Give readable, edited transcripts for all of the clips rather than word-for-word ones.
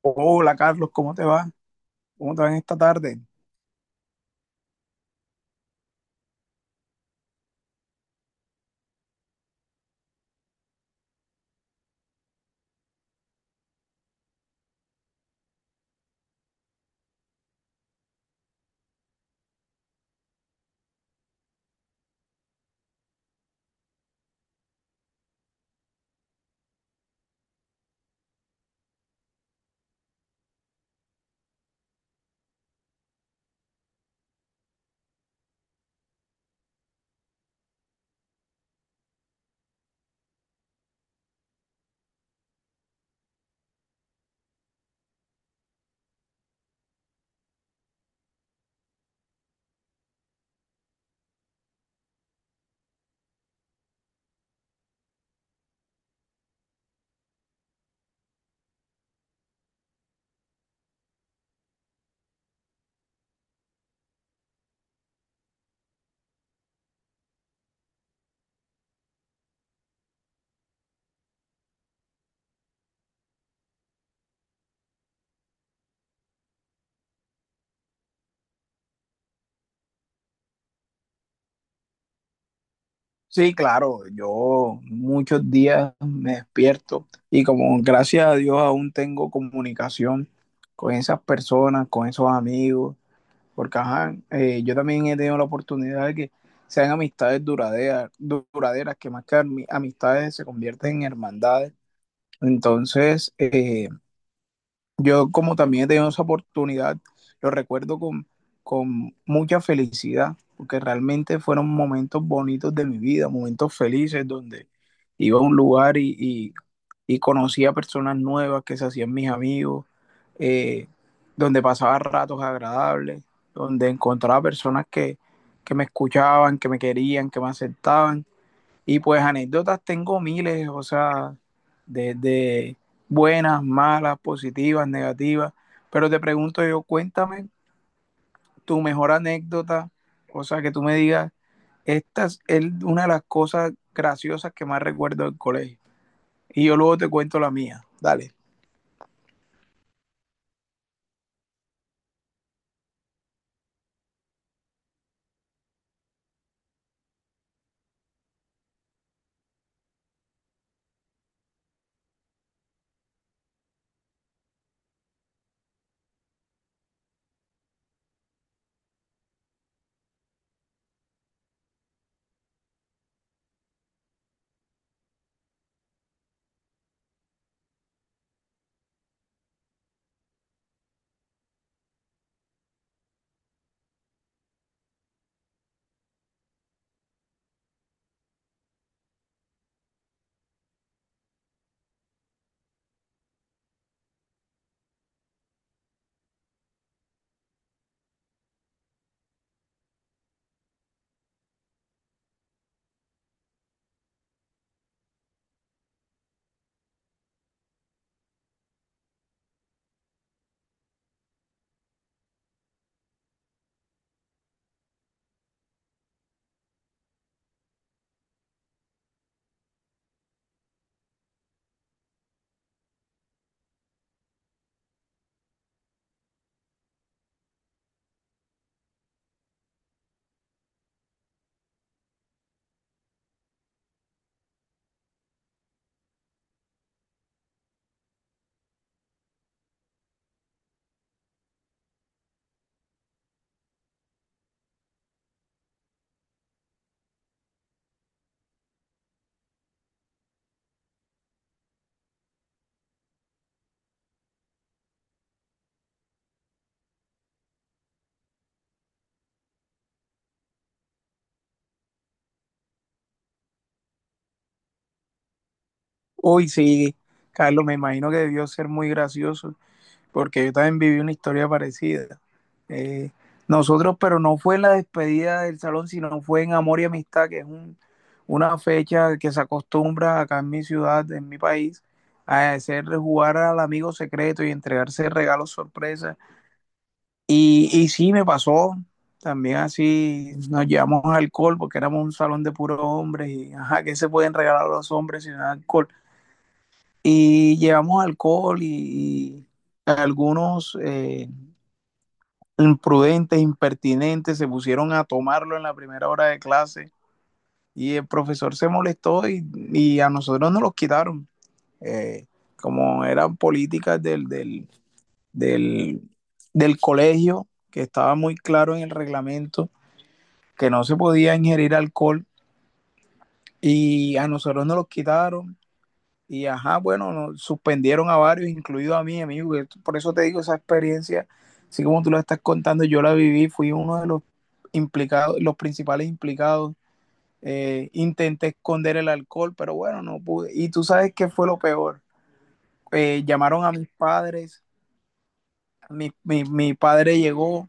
Hola Carlos, ¿cómo te va? ¿Cómo te va en esta tarde? Sí, claro, yo muchos días me despierto y, como gracias a Dios aún tengo comunicación con esas personas, con esos amigos, porque ajá, yo también he tenido la oportunidad de que sean amistades duraderas, duraderas que más que amistades se convierten en hermandades. Entonces, eh, Yo, como también he tenido esa oportunidad, lo recuerdo con mucha felicidad, porque realmente fueron momentos bonitos de mi vida, momentos felices donde iba a un lugar y conocía personas nuevas que se hacían mis amigos, eh, donde pasaba ratos agradables, donde encontraba personas que me escuchaban, que me querían, que me aceptaban. Y pues anécdotas tengo miles, o sea, desde buenas, malas, positivas, negativas. Pero te pregunto yo, cuéntame tu mejor anécdota, o sea, que tú me digas, esta es una de las cosas graciosas que más recuerdo del colegio. Y yo luego te cuento la mía. Dale. Uy, sí, Carlos, me imagino que debió ser muy gracioso, porque yo también viví una historia parecida. Eh, nosotros, pero no fue en la despedida del salón, sino fue en Amor y Amistad, que es una fecha que se acostumbra acá en mi ciudad, en mi país, a hacerle jugar al amigo secreto y entregarse regalos sorpresa. Y sí, me pasó. También así nos llevamos alcohol porque éramos un salón de puros hombres y, ajá, ¿qué se pueden regalar a los hombres sin alcohol? Y llevamos alcohol y algunos imprudentes, impertinentes, se pusieron a tomarlo en la primera hora de clase y el profesor se molestó, y a nosotros nos los quitaron. Eh, como eran políticas del, del colegio, que estaba muy claro en el reglamento que no se podía ingerir alcohol, y a nosotros nos los quitaron. Y ajá, bueno, nos suspendieron a varios, incluido a mí, amigo. Que Por eso te digo, esa experiencia, así como tú la estás contando, yo la viví, fui uno de los implicados, los principales implicados. Intenté esconder el alcohol, pero bueno, no pude. Y tú sabes qué fue lo peor. Llamaron a mis padres, mi padre llegó,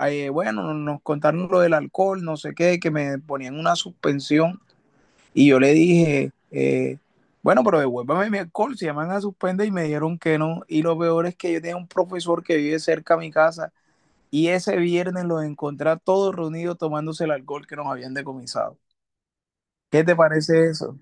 bueno, nos contaron lo del alcohol, no sé qué, que me ponían una suspensión, y yo le dije, bueno, pero devuélvame mi alcohol, si me van a suspender. Y me dijeron que no. Y lo peor es que yo tenía un profesor que vive cerca de mi casa y ese viernes los encontré a todos reunidos tomándose el alcohol que nos habían decomisado. ¿Qué te parece eso?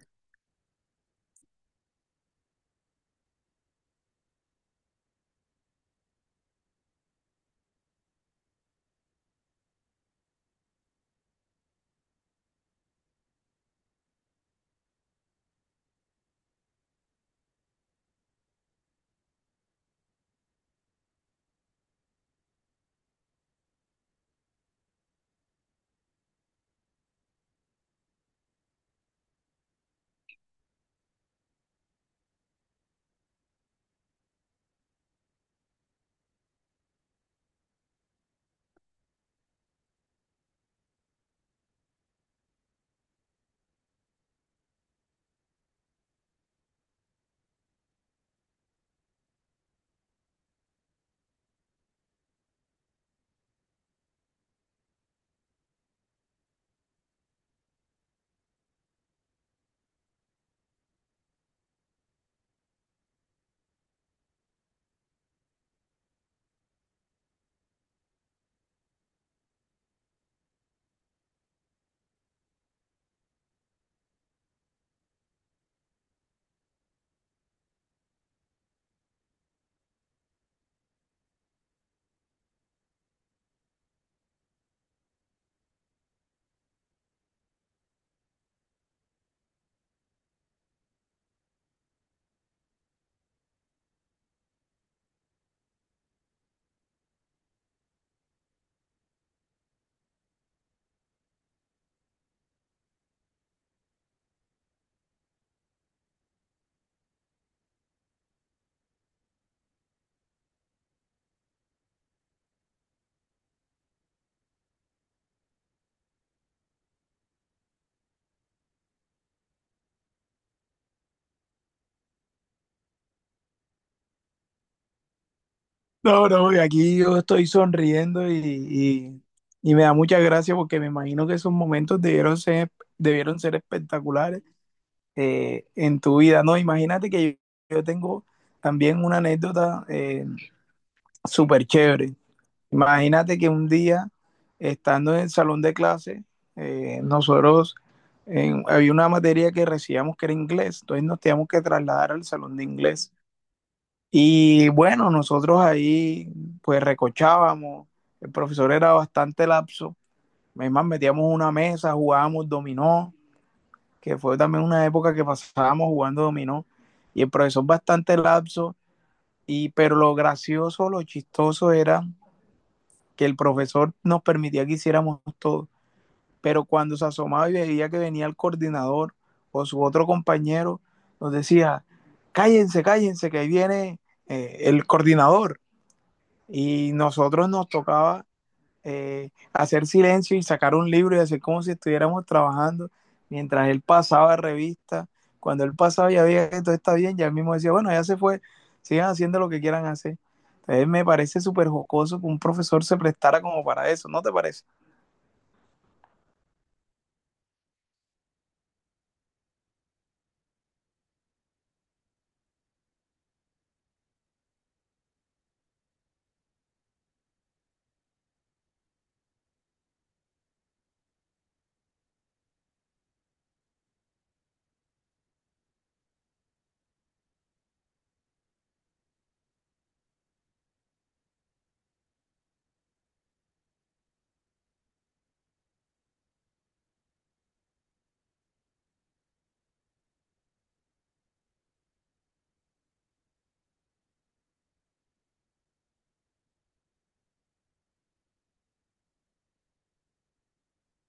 No, no, y aquí yo estoy sonriendo y me da mucha gracia, porque me imagino que esos momentos debieron ser espectaculares, en tu vida. No, imagínate que yo tengo también una anécdota, súper chévere. Imagínate que un día, estando en el salón de clase, nosotros había una materia que recibíamos que era inglés, entonces nos teníamos que trasladar al salón de inglés. Y bueno, nosotros ahí pues recochábamos, el profesor era bastante lapso, es más, metíamos una mesa, jugábamos dominó, que fue también una época que pasábamos jugando dominó, y el profesor bastante lapso, y, pero lo gracioso, lo chistoso era que el profesor nos permitía que hiciéramos todo, pero cuando se asomaba y veía que venía el coordinador o su otro compañero, nos decía, cállense, cállense, que ahí viene el coordinador. Y nosotros nos tocaba hacer silencio y sacar un libro y hacer como si estuviéramos trabajando mientras él pasaba revista. Cuando él pasaba ya veía que todo está bien, ya él mismo decía, bueno, ya se fue, sigan haciendo lo que quieran hacer. Entonces me parece súper jocoso que un profesor se prestara como para eso, ¿no te parece?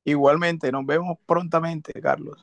Igualmente, nos vemos prontamente, Carlos.